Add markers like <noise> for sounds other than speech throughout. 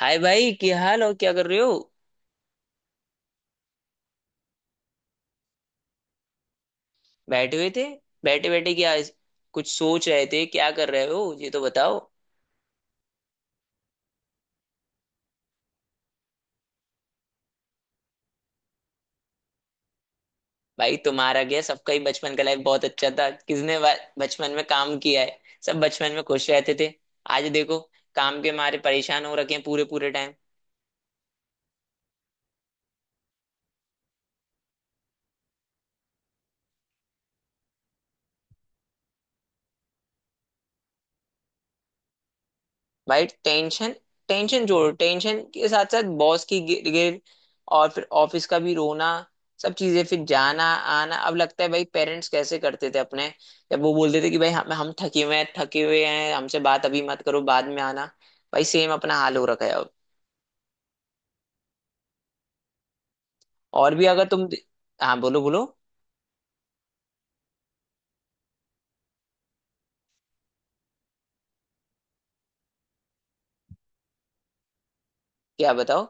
हाय भाई, क्या हाल और क्या कर रहे हो? बैठे हुए थे। बैठे बैठे क्या कुछ सोच रहे थे, क्या कर रहे हो ये तो बताओ। भाई तुम्हारा क्या, सबका ही बचपन का लाइफ बहुत अच्छा था। बचपन में काम किया है? सब बचपन में खुश रहते थे। आज देखो, काम के मारे परेशान हो रखे हैं पूरे पूरे टाइम। भाई टेंशन, टेंशन जोड़ो, टेंशन के साथ साथ बॉस की गिर गिर और फिर ऑफिस का भी रोना, सब चीजें, फिर जाना आना। अब लगता है भाई पेरेंट्स कैसे करते थे अपने, जब वो बोलते थे कि भाई हम थके हुए हैं, थके हुए हैं, हमसे बात अभी मत करो, बाद में आना। भाई सेम अपना हाल हो रखा है अब। और भी अगर तुम। हाँ, बोलो बोलो। क्या बताओ?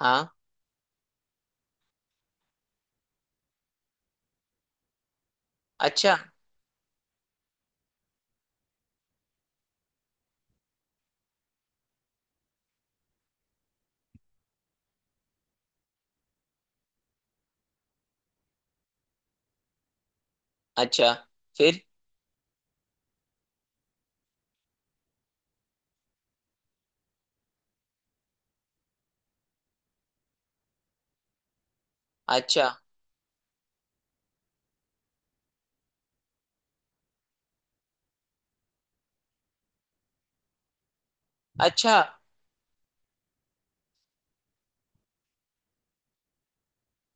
हाँ। अच्छा। अच्छा। फिर? अच्छा। अच्छा।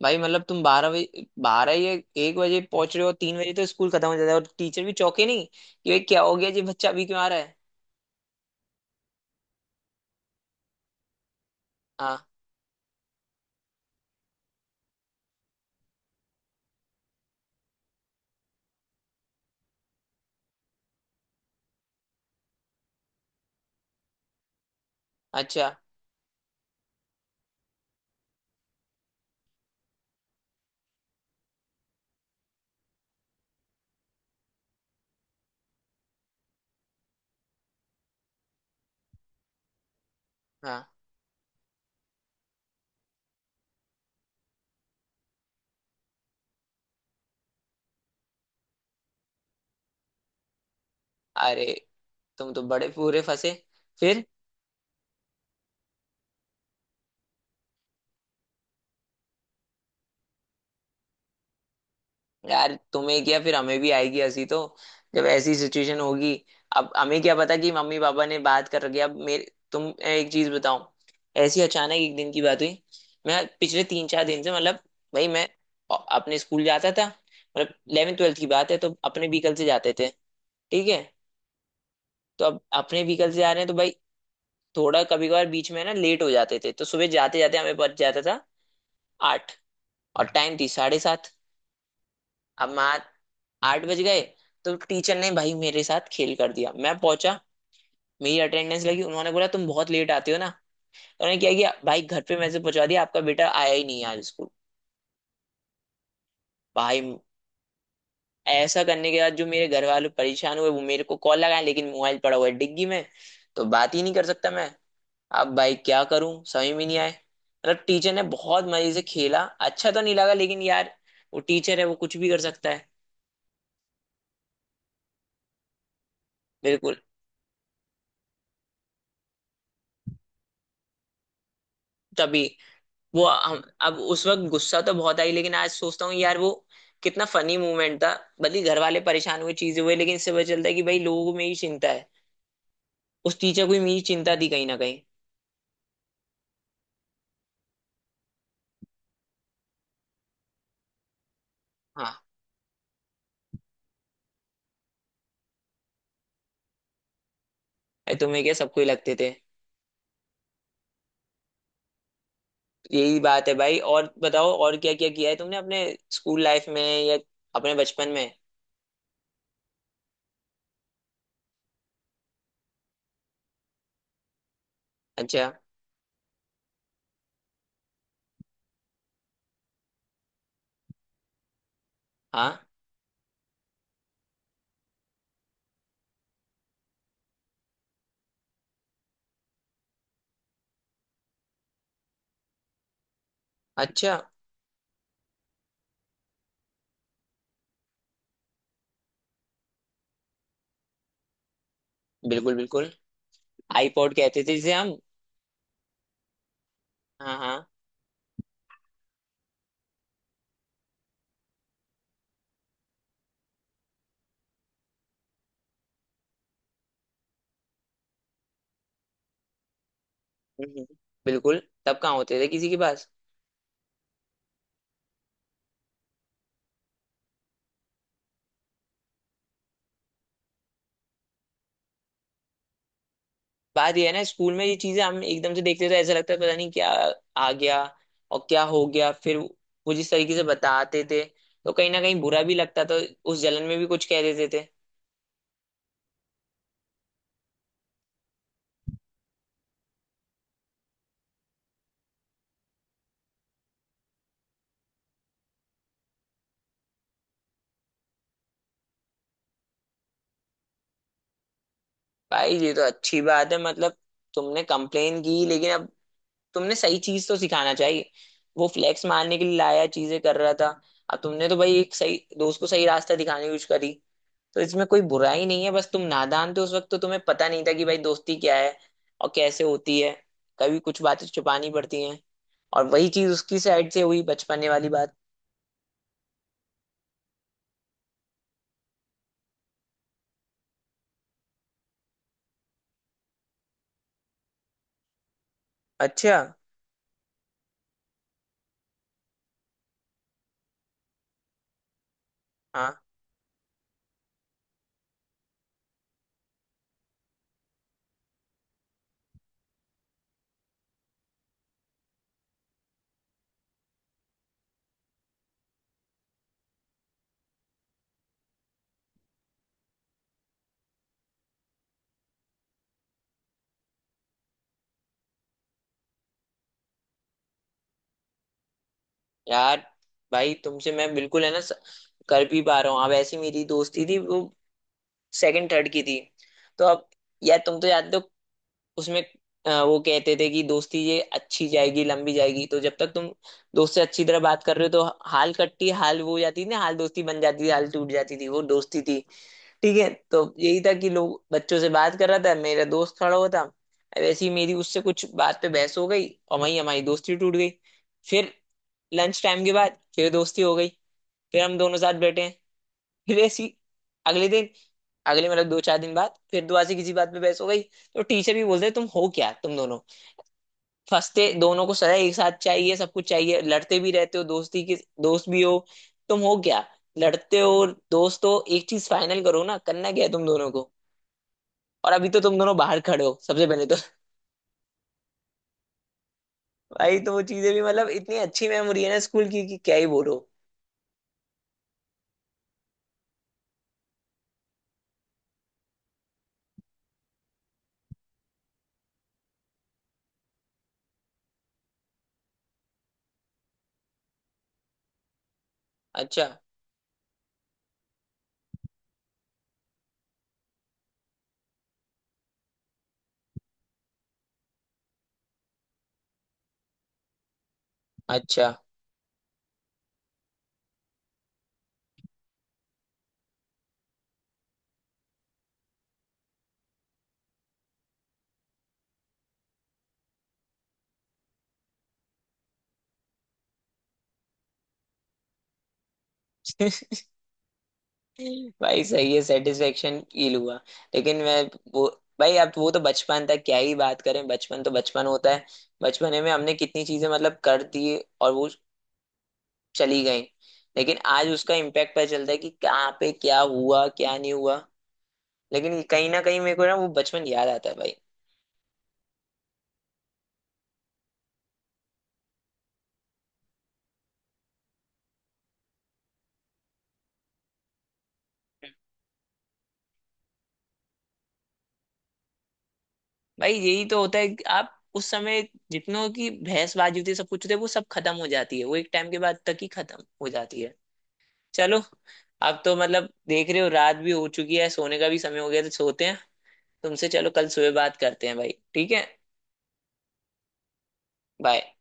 भाई मतलब तुम 12 बजे, 12 या 1 बजे पहुंच रहे हो, 3 बजे तो स्कूल खत्म हो जाता है और टीचर भी चौके नहीं कि भाई क्या हो गया जी, बच्चा अभी क्यों आ रहा है? हाँ। अच्छा। हाँ। अरे तुम तो बड़े पूरे फंसे। फिर? यार तुम्हें क्या, फिर हमें भी आएगी हंसी तो, जब ऐसी सिचुएशन होगी। अब हमें क्या पता कि मम्मी पापा ने बात कर रखी है। अब मेरे तुम एक चीज बताओ, ऐसी अचानक एक दिन की बात हुई। मैं पिछले 3-4 दिन से मतलब, भाई मैं अपने स्कूल जाता था, मतलब 11th 12th की बात है, तो अपने व्हीकल से जाते थे। ठीक है। तो अब अपने व्हीकल से जा रहे हैं तो भाई थोड़ा कभी कभार बीच में ना लेट हो जाते थे, तो सुबह जाते जाते हमें बच जाता था 8, और टाइम थी 7:30। अब मान 8 बज गए तो टीचर ने भाई मेरे साथ खेल कर दिया। मैं पहुंचा, मेरी अटेंडेंस लगी, उन्होंने बोला तुम बहुत लेट आते हो ना। तो उन्होंने क्या किया भाई, घर पे मैसेज पहुंचा दिया आपका बेटा आया ही नहीं आज स्कूल। भाई ऐसा करने के बाद जो मेरे घर वाले परेशान हुए, वो मेरे को कॉल लगाए, लेकिन मोबाइल पड़ा हुआ है डिग्गी में, तो बात ही नहीं कर सकता मैं। अब भाई क्या करूं समझ में नहीं आए, मतलब टीचर ने बहुत मजे से खेला। अच्छा तो नहीं लगा लेकिन यार, वो टीचर है, वो कुछ भी कर सकता है। बिल्कुल। तभी वो हम अब उस वक्त गुस्सा तो बहुत आई लेकिन आज सोचता हूँ यार वो कितना फनी मूवमेंट था। भले घर वाले परेशान हुए, चीजें हुए, लेकिन इससे पता चलता है कि भाई लोगों में ही चिंता है, उस टीचर को भी मेरी चिंता थी कहीं ना कहीं। हाँ। अरे तुम्हें क्या, सबको ही लगते थे। यही बात है भाई। और बताओ, और क्या क्या किया है तुमने अपने स्कूल लाइफ में या अपने बचपन में? अच्छा। हाँ। अच्छा। बिल्कुल बिल्कुल, आईपॉड कहते थे जिसे हम। हाँ हाँ। हम्म, हम्म, बिल्कुल, तब कहाँ होते थे किसी के पास। बात ये है ना, स्कूल में ये चीजें हम एकदम से देखते थे, ऐसा लगता है पता नहीं क्या आ गया। और क्या हो गया फिर, वो जिस तरीके से बताते थे, तो कहीं ना कहीं बुरा भी लगता था, उस जलन में भी कुछ कह देते थे। भाई ये तो अच्छी बात है, मतलब तुमने कंप्लेन की, लेकिन अब तुमने सही चीज तो सिखाना चाहिए। वो फ्लैक्स मारने के लिए लाया, चीजें कर रहा था। अब तुमने तो भाई एक सही दोस्त को सही रास्ता दिखाने की कोशिश करी, तो इसमें कोई बुराई नहीं है। बस तुम नादान थे उस वक्त, तो तुम्हें पता नहीं था कि भाई दोस्ती क्या है और कैसे होती है, कभी कुछ बातें छुपानी पड़ती हैं। और वही चीज उसकी साइड से हुई बचपने वाली बात। अच्छा। हाँ। यार भाई तुमसे मैं बिल्कुल है ना कर भी पा रहा हूँ। अब ऐसी मेरी दोस्ती थी वो सेकंड थर्ड की थी, तो अब यार तुम तो जानते हो उसमें, वो कहते थे कि दोस्ती ये अच्छी जाएगी, लंबी जाएगी, तो जब तक तुम दोस्त से अच्छी तरह बात कर रहे हो तो हाल कट्टी, हाल वो हो जाती थी ना, हाल दोस्ती बन जाती थी, हाल टूट जाती थी वो दोस्ती थी। ठीक है, तो यही था कि लोग बच्चों से बात कर रहा था, मेरा दोस्त खड़ा हुआ था, वैसे ही मेरी उससे कुछ बात पे बहस हो गई और वहीं हमारी दोस्ती टूट गई। फिर लंच टाइम के बाद फिर दोस्ती हो गई, फिर हम दोनों साथ बैठे हैं, फिर ऐसी अगले दिन, अगले मतलब 2-4 दिन बाद फिर दोबारा से किसी बात पे बहस हो गई। तो टीचर भी बोलते तुम हो क्या, तुम दोनों फंसते, दोनों को सजा एक साथ चाहिए, सब कुछ चाहिए, लड़ते भी रहते हो, दोस्ती के दोस्त भी हो, तुम हो क्या? लड़ते हो, दोस्त हो, एक चीज फाइनल करो ना, करना क्या है तुम दोनों को? और अभी तो तुम दोनों बाहर खड़े हो सबसे पहले तो। <laughs> भाई तो वो चीजें भी मतलब इतनी अच्छी मेमोरी है ना स्कूल की कि क्या ही बोलो। अच्छा। अच्छा। <laughs> भाई सही है, सेटिस्फेक्शन फील हुआ। लेकिन मैं वो, भाई अब वो तो बचपन था, क्या ही बात करें, बचपन तो बचपन होता है। बचपने में हमने कितनी चीजें मतलब कर दी और वो चली गई, लेकिन आज उसका इम्पैक्ट पता चलता है कि कहाँ पे क्या हुआ क्या नहीं हुआ। लेकिन कहीं ना कहीं मेरे को ना वो बचपन याद आता है भाई। भाई यही तो होता है कि आप उस समय जितनों की बहसबाजी होती है, सब कुछ होती है, वो सब खत्म हो जाती है, वो एक टाइम के बाद तक ही खत्म हो जाती है। चलो, अब तो मतलब देख रहे हो रात भी हो चुकी है, सोने का भी समय हो गया, तो सोते हैं। तुमसे चलो कल सुबह बात करते हैं भाई, ठीक है? बाय।